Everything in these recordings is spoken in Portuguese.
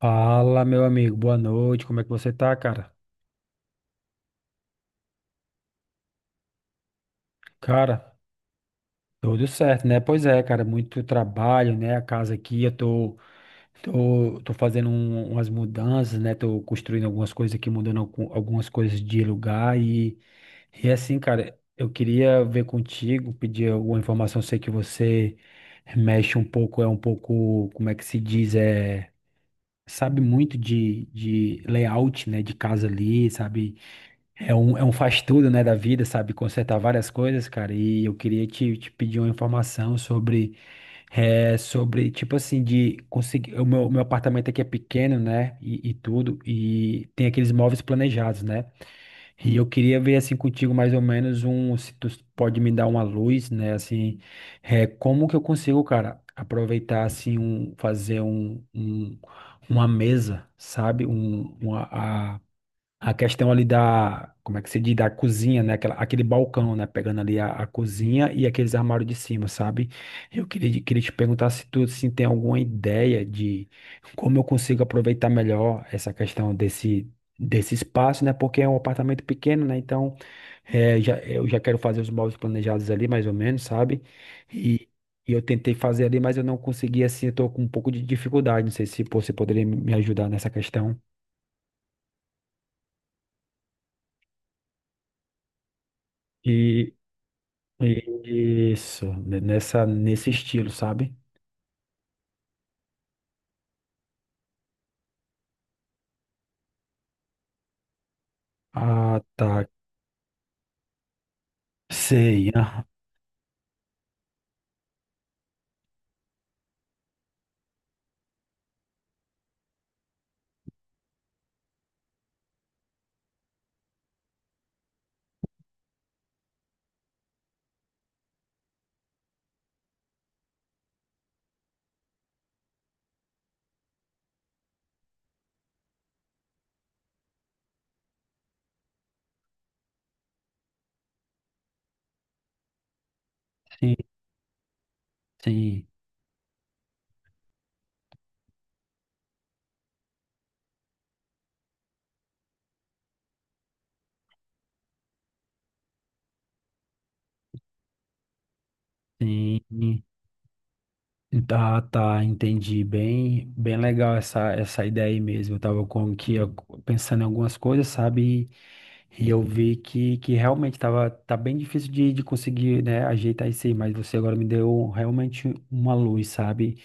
Fala, meu amigo, boa noite, como é que você tá, cara? Cara, tudo certo, né? Pois é, cara, muito trabalho, né? A casa aqui, eu tô fazendo umas mudanças, né? Tô construindo algumas coisas aqui, mudando algumas coisas de lugar e assim, cara, eu queria ver contigo, pedir alguma informação, sei que você mexe um pouco, é um pouco, como é que se diz, é, sabe muito de layout, né? De casa ali, sabe? É um faz tudo, né, da vida, sabe? Consertar várias coisas, cara. E eu queria te pedir uma informação sobre, é, sobre, tipo assim, de conseguir. O meu apartamento aqui é pequeno, né? E tudo. E tem aqueles móveis planejados, né? E eu queria ver, assim, contigo mais ou menos um. Se tu pode me dar uma luz, né? Assim, é, como que eu consigo, cara, aproveitar, assim, um, fazer uma mesa, sabe? A questão ali da, como é que se diz, da cozinha, né? Aquela, aquele balcão, né? Pegando ali a cozinha e aqueles armários de cima, sabe? Eu queria te perguntar se tu se tem alguma ideia de como eu consigo aproveitar melhor essa questão desse, desse espaço, né? Porque é um apartamento pequeno, né? Então, é, já, eu já quero fazer os móveis planejados ali, mais ou menos, sabe? E, e eu tentei fazer ali, mas eu não consegui, assim, eu tô com um pouco de dificuldade. Não sei se você poderia me ajudar nessa questão. E, isso, nessa, nesse estilo, sabe? Ah, tá. Sei. Sim, sim, sim. Tá, tá, entendi. Bem, bem legal essa, essa ideia aí mesmo. Eu tava pensando em algumas coisas, sabe? E eu vi que realmente tava, tá bem difícil de conseguir, né, ajeitar isso aí, mas você agora me deu realmente uma luz, sabe?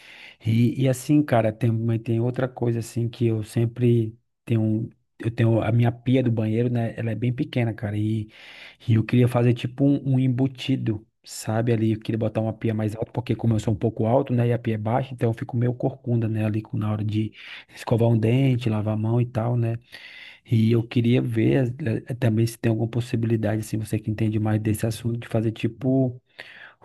E assim, cara, tem, mas tem outra coisa assim que eu sempre tenho. Eu tenho a minha pia do banheiro, né? Ela é bem pequena, cara. E eu queria fazer tipo um embutido, sabe? Ali eu queria botar uma pia mais alta, porque como eu sou um pouco alto, né? E a pia é baixa, então eu fico meio corcunda, né? Ali na hora de escovar um dente, lavar a mão e tal, né? E eu queria ver também se tem alguma possibilidade, assim, você que entende mais desse assunto, de fazer tipo.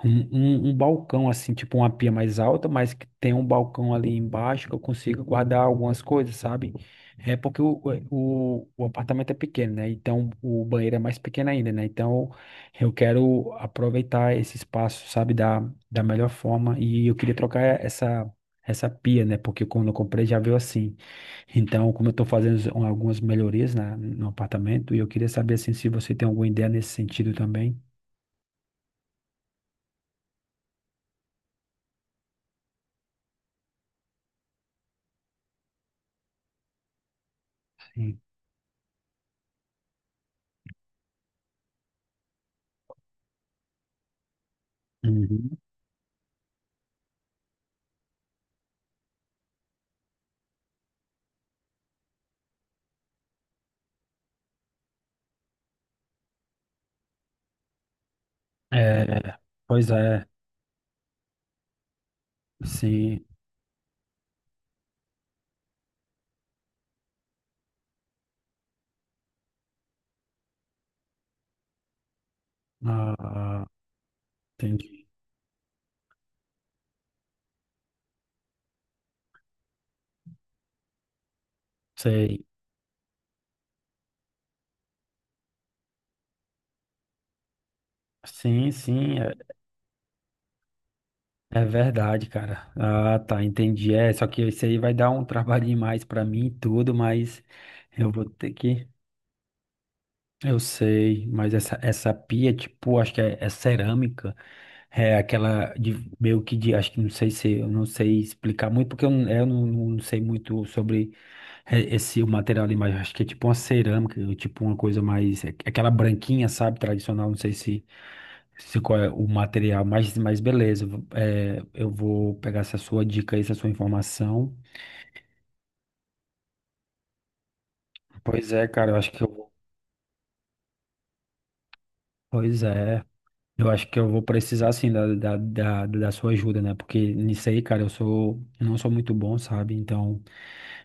Um balcão, assim, tipo uma pia mais alta, mas que tem um balcão ali embaixo que eu consigo guardar algumas coisas, sabe? É porque o, o apartamento é pequeno, né? Então o banheiro é mais pequeno ainda, né? Então eu quero aproveitar esse espaço, sabe, da, da melhor forma. E eu queria trocar essa, essa pia, né? Porque quando eu comprei já veio assim. Então, como eu tô fazendo algumas melhorias no apartamento, e eu queria saber, assim, se você tem alguma ideia nesse sentido também. Sim. Uhum. É, pois é, sim, ah, entendi, sei, sim, sim, é, é verdade, cara, ah, tá, entendi, é, só que isso aí vai dar um trabalhinho mais pra mim e tudo, mas eu vou ter que, eu sei, mas essa pia, tipo, acho que é, é cerâmica, é aquela de meio que de, acho que não sei se, eu não sei explicar muito, porque eu, eu não sei muito sobre esse o material ali, mas acho que é tipo uma cerâmica, ou tipo uma coisa mais, é aquela branquinha, sabe, tradicional, não sei se, se qual é o material, mas beleza, eu vou pegar essa sua dica aí, essa sua informação. Pois é, cara, eu acho que eu vou. Pois é. Eu acho que eu vou precisar sim da, da, da, da sua ajuda, né? Porque nisso aí, cara, eu sou, eu não sou muito bom, sabe? Então,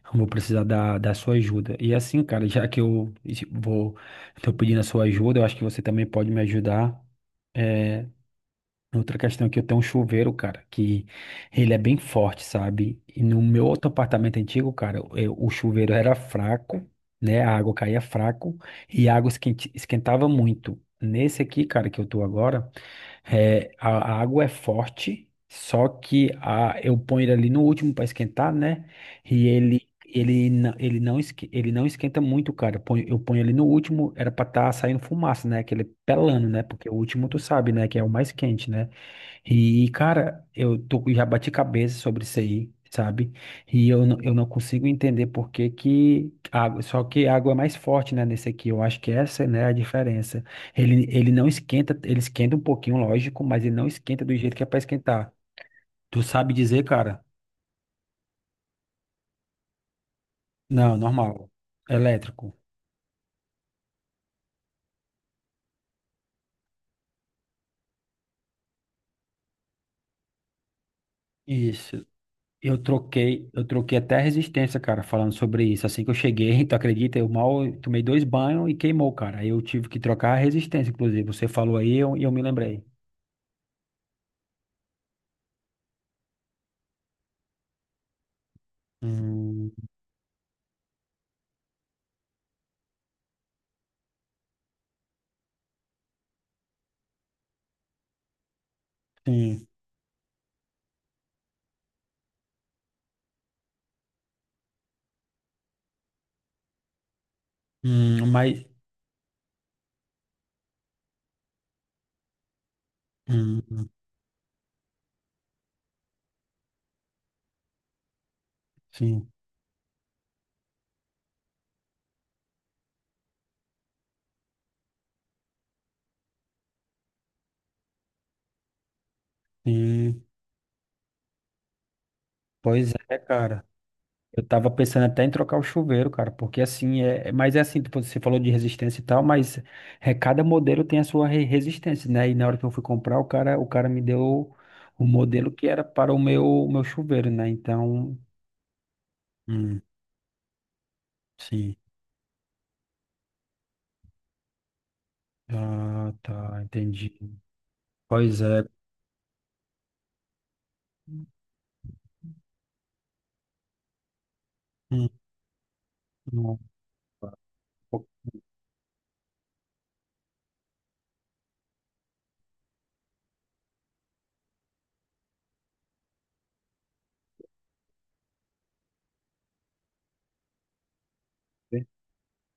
eu vou precisar da, da sua ajuda. E assim, cara, já que vou, tô pedindo a sua ajuda, eu acho que você também pode me ajudar. Outra questão é que eu tenho um chuveiro, cara, que ele é bem forte, sabe? E no meu outro apartamento antigo, cara, o chuveiro era fraco, né? A água caía fraco e a água esquentava muito. Nesse aqui, cara, que eu tô agora. É, a água é forte, só que a, eu ponho ele ali no último para esquentar, né? E ele não esquenta muito, cara. Eu ponho ele no último, era para estar saindo fumaça, né? Aquele pelando, né? Porque o último tu sabe, né? Que é o mais quente, né? E, cara, eu tô, já bati cabeça sobre isso aí, sabe? E eu não consigo entender por que que água, só que a água é mais forte, né, nesse aqui. Eu acho que essa, né, é a diferença. Ele não esquenta, ele esquenta um pouquinho, lógico, mas ele não esquenta do jeito que é pra esquentar. Tu sabe dizer, cara? Não, normal. Elétrico. Isso. Eu troquei até a resistência, cara, falando sobre isso. Assim que eu cheguei, tu acredita? Eu mal tomei dois banhos e queimou, cara. Aí eu tive que trocar a resistência, inclusive. Você falou e eu, me lembrei. Hum, sim. Mas. Hum, sim, sim. Pois é, cara. Eu tava pensando até em trocar o chuveiro, cara, porque assim, mas é assim, tipo, você falou de resistência e tal, mas é, cada modelo tem a sua resistência, né? E na hora que eu fui comprar, o cara me deu o modelo que era para o meu chuveiro, né? Então, hum, sim. Ah, tá, entendi. Pois é. Hum, não,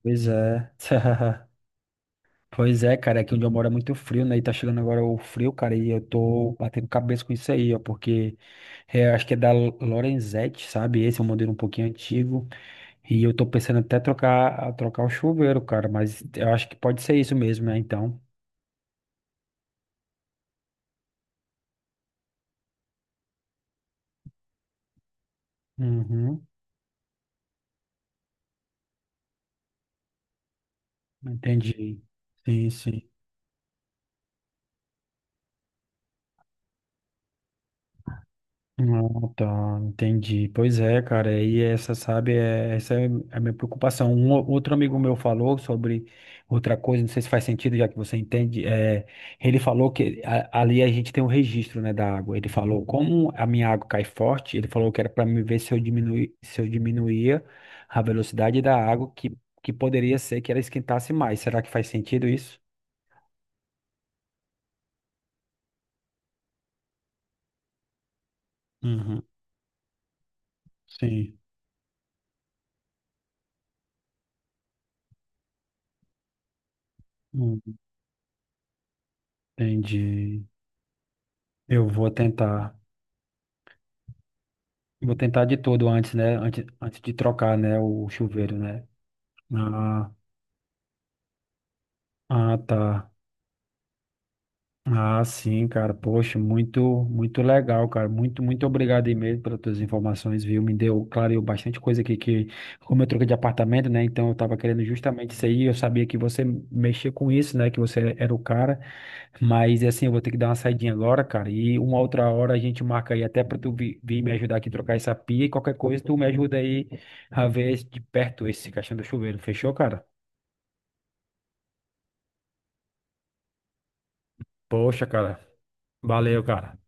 pois é. Pois é, cara, aqui onde eu moro é muito frio, né? E tá chegando agora o frio, cara, e eu tô batendo cabeça com isso aí, ó, porque é, acho que é da Lorenzetti, sabe? Esse é um modelo um pouquinho antigo, e eu tô pensando até trocar o chuveiro, cara, mas eu acho que pode ser isso mesmo, né? Então, uhum, entendi. Sim, sim. Ah, tá, entendi. Pois é, cara, e essa, sabe, é, essa é a minha preocupação. Um outro amigo meu falou sobre outra coisa, não sei se faz sentido, já que você entende. É, ele falou que ali a gente tem um registro, né, da água. Ele falou como a minha água cai forte, ele falou que era para me ver se eu se eu diminuía a velocidade da água, que poderia ser que ela esquentasse mais. Será que faz sentido isso? Uhum, sim. Hum, entendi. Eu vou tentar. Vou tentar de tudo antes, né? Antes, antes de trocar, né? O chuveiro, né? Ah, ah, tá. Ah, sim, cara. Poxa, muito, muito legal, cara. Muito, muito obrigado aí mesmo pelas tuas informações, viu? Me deu, clareou bastante coisa aqui que, como eu troquei de apartamento, né? Então eu tava querendo justamente isso aí. Eu sabia que você mexia com isso, né? Que você era o cara. Mas assim, eu vou ter que dar uma saidinha agora, cara. E uma outra hora a gente marca aí até pra vir me ajudar aqui a trocar essa pia e qualquer coisa tu me ajuda aí a ver de perto esse caixão do chuveiro. Fechou, cara? Poxa, cara. Valeu, cara.